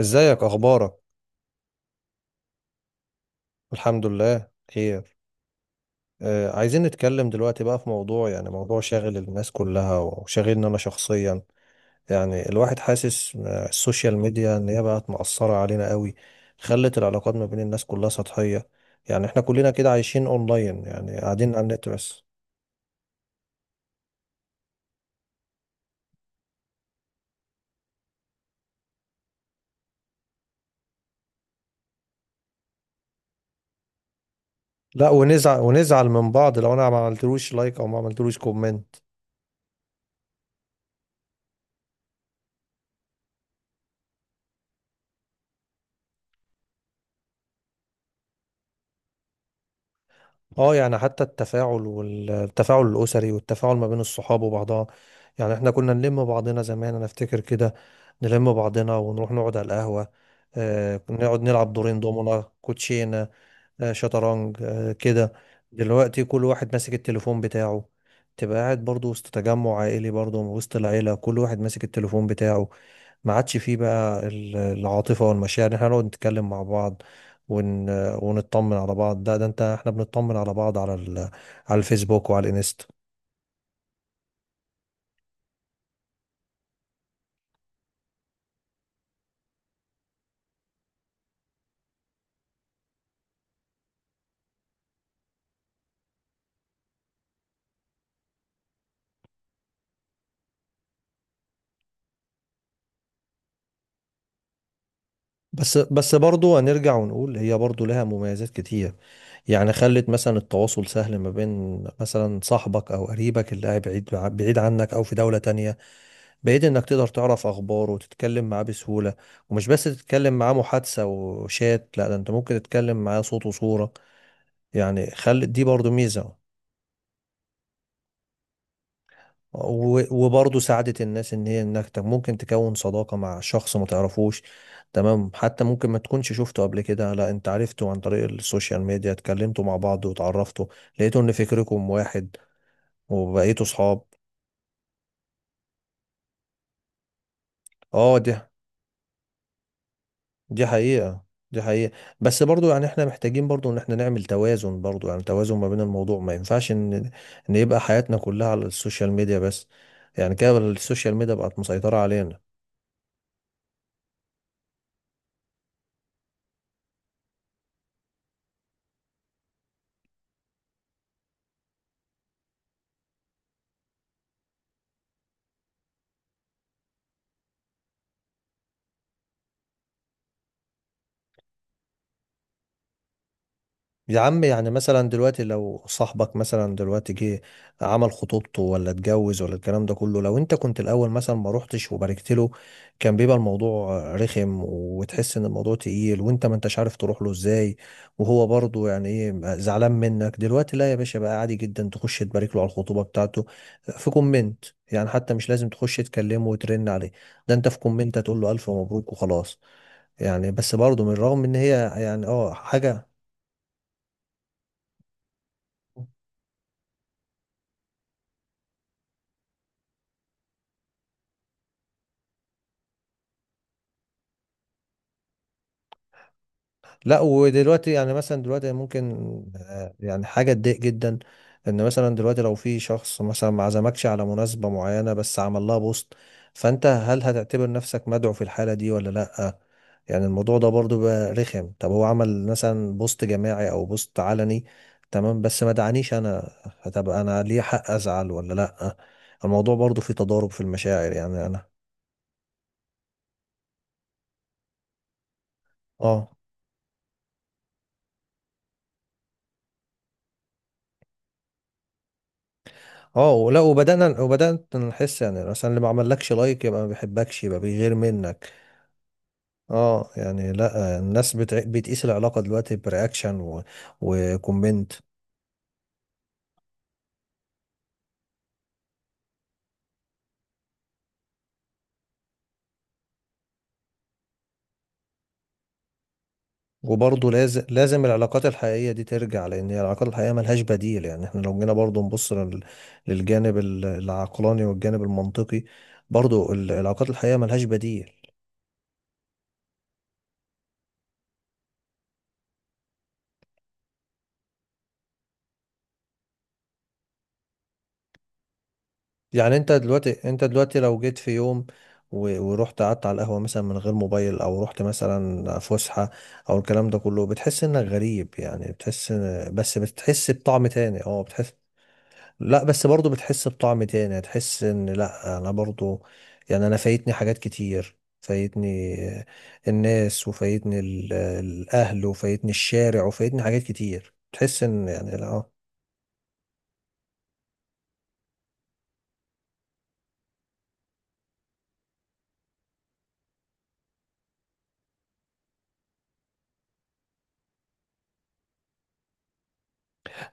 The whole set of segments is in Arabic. ازيك اخبارك. الحمد لله خير. عايزين نتكلم دلوقتي بقى في موضوع، يعني موضوع شاغل الناس كلها وشاغلني انا شخصيا. يعني الواحد حاسس السوشيال ميديا ان هي بقت مأثرة علينا قوي، خلت العلاقات ما بين الناس كلها سطحية. يعني احنا كلنا كده عايشين اونلاين، يعني قاعدين على النت بس. لا، ونزعل ونزعل من بعض لو انا ما عملتلوش لايك او ما عملتلوش كومنت. اه يعني حتى التفاعل، والتفاعل الأسري والتفاعل ما بين الصحاب وبعضها. يعني احنا كنا نلم بعضنا زمان، انا افتكر كده، نلم بعضنا ونروح نقعد على القهوة. آه كنا نقعد نلعب دورين دومنا كوتشينة، آه شطرنج، آه كده. دلوقتي كل واحد ماسك التليفون بتاعه، تبقى قاعد برضو وسط تجمع عائلي، برضو وسط العيلة كل واحد ماسك التليفون بتاعه. ما عادش فيه بقى العاطفة والمشاعر، احنا نقعد نتكلم مع بعض ون... ونطمن على بعض. ده ده انت، احنا بنطمن على بعض على على الفيسبوك وعلى الانستا. بس برضو هنرجع ونقول هي برضو لها مميزات كتير. يعني خلت مثلا التواصل سهل ما بين مثلا صاحبك او قريبك اللي قاعد بعيد، بعيد عنك او في دولة تانية بعيد، انك تقدر تعرف اخباره وتتكلم معاه بسهولة. ومش بس تتكلم معاه محادثة وشات، لا ده انت ممكن تتكلم معاه صوت وصورة، يعني خلت دي برضو ميزة. وبرضه ساعدت الناس ان هي انك ممكن تكون صداقة مع شخص ما تعرفوش، تمام، حتى ممكن ما تكونش شفته قبل كده، لا انت عرفته عن طريق السوشيال ميديا، اتكلمتوا مع بعض وتعرفتوا، لقيتوا ان فكركم واحد وبقيتوا صحاب. اه دي، دي حقيقة، دي حقيقة. بس برضو يعني احنا محتاجين برضو ان احنا نعمل توازن برضو، يعني توازن ما بين الموضوع، ما ينفعش ان ان يبقى حياتنا كلها على السوشيال ميديا بس، يعني كده السوشيال ميديا بقت مسيطرة علينا. يا عم يعني مثلا دلوقتي لو صاحبك مثلا دلوقتي جه عمل خطوبته ولا اتجوز ولا الكلام ده كله، لو انت كنت الاول مثلا ما روحتش وباركت له، كان بيبقى الموضوع رخم وتحس ان الموضوع تقيل وانت ما انتش عارف تروح له ازاي، وهو برضه يعني ايه زعلان منك. دلوقتي لا يا باشا بقى عادي جدا تخش تبارك له على الخطوبة بتاعته في كومنت، يعني حتى مش لازم تخش تكلمه وترن عليه، ده انت في كومنت هتقول له الف مبروك وخلاص. يعني بس برضه من رغم ان هي يعني اه حاجة. لا ودلوقتي يعني مثلا دلوقتي ممكن يعني حاجة تضايق جدا، ان مثلا دلوقتي لو في شخص مثلا ما عزمكش على مناسبة معينة بس عمل لها بوست، فانت هل هتعتبر نفسك مدعو في الحالة دي ولا لا؟ يعني الموضوع ده برضو بقى رخم. طب هو عمل مثلا بوست جماعي او بوست علني، تمام، بس ما دعانيش انا، هتبقى انا ليه حق ازعل ولا لا؟ الموضوع برضو فيه تضارب في المشاعر يعني انا. اه. اه، ولا وبدأنا وبدأت نحس يعني مثلا اللي ما عملكش لايك يبقى ما بيحبكش يبقى بيغير منك. اه يعني لا، الناس بتقيس العلاقة دلوقتي برياكشن وكومنت. وبرضه لازم، لازم العلاقات الحقيقية دي ترجع، لأن هي العلاقات الحقيقية ملهاش بديل. يعني احنا لو جينا برضه نبص للجانب العقلاني والجانب المنطقي، برضه العلاقات الحقيقية ملهاش بديل. يعني انت دلوقتي، انت دلوقتي لو جيت في يوم ورحت قعدت على القهوة مثلا من غير موبايل، او رحت مثلا فسحة او الكلام ده كله، بتحس انك غريب، يعني بتحس بس بتحس بطعم تاني، اه بتحس. لا بس برضو بتحس بطعم تاني، هتحس ان لا انا برضو يعني انا فايتني حاجات كتير، فايتني الناس وفايتني الاهل وفايتني الشارع وفايتني حاجات كتير، تحس ان يعني لا آه.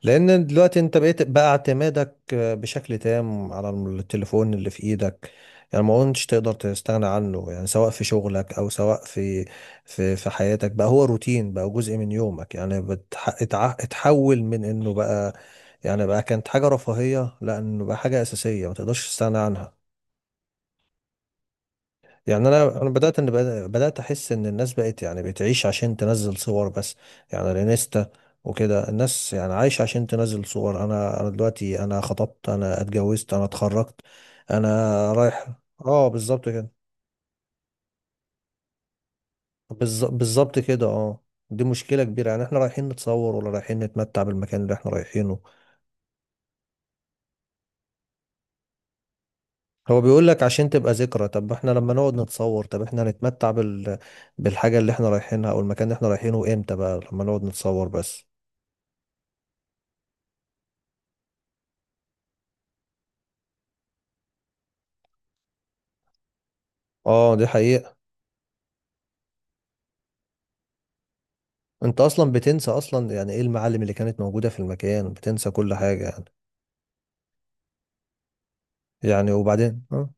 لان دلوقتي انت بقيت بقى اعتمادك بشكل تام على التليفون اللي في ايدك، يعني ما كنتش تقدر تستغنى عنه، يعني سواء في شغلك او سواء في في حياتك، بقى هو روتين، بقى جزء من يومك، يعني اتحول من انه بقى، يعني بقى كانت حاجة رفاهية، لا انه بقى حاجة اساسية ما تقدرش تستغنى عنها. يعني انا، انا بدات ان بدات احس ان الناس بقت يعني بتعيش عشان تنزل صور بس، يعني الانستا وكده الناس يعني عايشه عشان تنزل صور. انا، انا دلوقتي، انا خطبت، انا اتجوزت، انا اتخرجت، انا رايح. اه بالظبط كده، بالظبط كده اه. دي مشكله كبيره، يعني احنا رايحين نتصور ولا رايحين نتمتع بالمكان اللي احنا رايحينه؟ هو بيقول لك عشان تبقى ذكرى، طب احنا لما نقعد نتصور، طب احنا هنتمتع بالحاجه اللي احنا رايحينها او المكان اللي احنا رايحينه امتى بقى لما نقعد نتصور بس؟ اه دي حقيقة. انت اصلا بتنسى اصلا يعني ايه المعالم اللي كانت موجودة في المكان، بتنسى كل حاجة يعني. يعني وبعدين اه،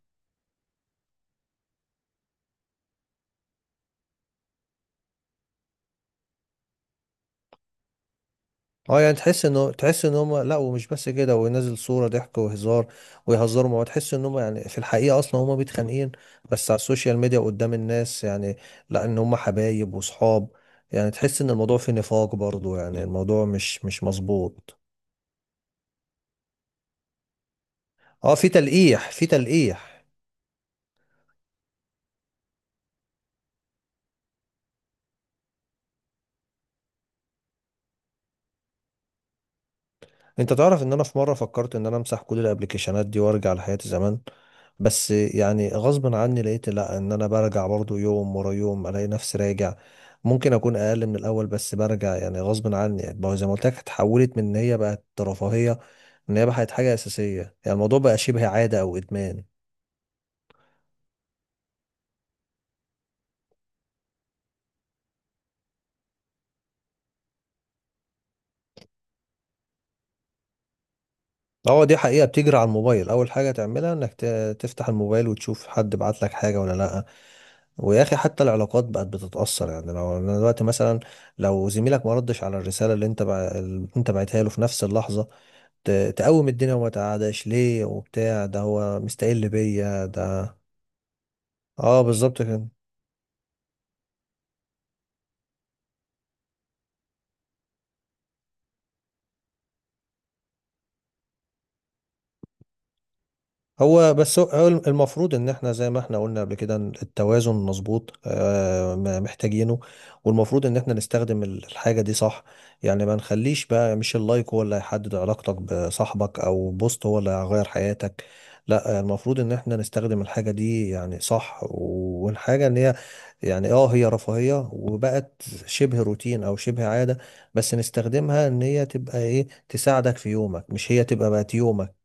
اه يعني تحس انه، تحس ان هم لا، ومش بس كده وينزل صورة ضحك وهزار ويهزروا، ما تحس ان هم يعني في الحقيقة اصلا هم متخانقين، بس على السوشيال ميديا قدام الناس يعني لا ان هم حبايب وصحاب. يعني تحس ان الموضوع في نفاق برضو، يعني الموضوع مش، مش مظبوط. اه في تلقيح، في تلقيح. انت تعرف ان انا في مره فكرت ان انا امسح كل الابلكيشنات دي وارجع لحياتي زمان، بس يعني غصب عني لقيت لا ان انا برجع برضو، يوم ورا يوم الاقي نفسي راجع. ممكن اكون اقل من الاول، بس برجع يعني غصب عني، يعني بقى زي ما قلت لك اتحولت من ان هي بقت رفاهيه، ان هي بقت حاجه اساسيه، يعني الموضوع بقى شبه عاده او ادمان. اه دي حقيقة، بتجري على الموبايل، أول حاجة تعملها إنك تفتح الموبايل وتشوف حد بعت لك حاجة ولا لأ. ويا أخي حتى العلاقات بقت بتتأثر، يعني لو أنا دلوقتي مثلا لو زميلك ما ردش على الرسالة اللي اللي أنت بعتها له في نفس اللحظة، تقوم الدنيا وما تقعدش ليه وبتاع، ده هو مستقل بيا ده. اه بالظبط كده. هو بس هو، هو المفروض ان احنا زي ما احنا قلنا قبل كده، إن التوازن مظبوط ما محتاجينه، والمفروض ان احنا نستخدم الحاجة دي صح، يعني ما نخليش بقى مش اللايك هو اللي هيحدد علاقتك بصاحبك، او بوست هو اللي هيغير حياتك. لا المفروض ان احنا نستخدم الحاجة دي يعني صح، والحاجة ان هي، يعني اه هي رفاهية وبقت شبه روتين او شبه عادة، بس نستخدمها ان هي تبقى ايه، تساعدك في يومك، مش هي تبقى بقت يومك.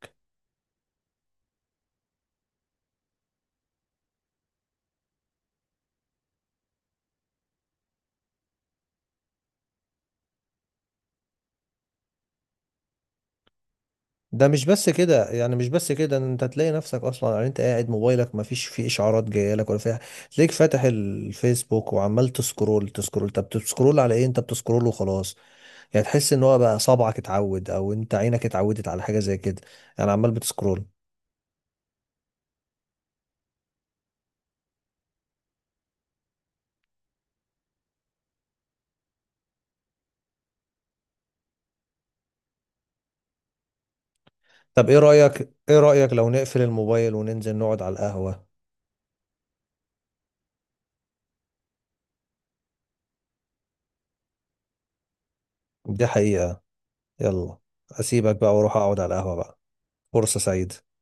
ده مش بس كده، يعني مش بس كده، انت تلاقي نفسك اصلا، يعني انت قاعد موبايلك ما فيش فيه اشعارات جايه لك ولا فيها، تلاقيك فاتح الفيسبوك وعمال تسكرول، تسكرول، طب بتسكرول على ايه؟ انت بتسكرول وخلاص، يعني تحس ان هو بقى صبعك اتعود او انت عينك اتعودت على حاجه زي كده، يعني عمال بتسكرول. طب ايه رايك، ايه رايك لو نقفل الموبايل وننزل نقعد على القهوه؟ دي حقيقه. يلا، اسيبك بقى واروح اقعد على القهوه بقى. فرصه سعيده.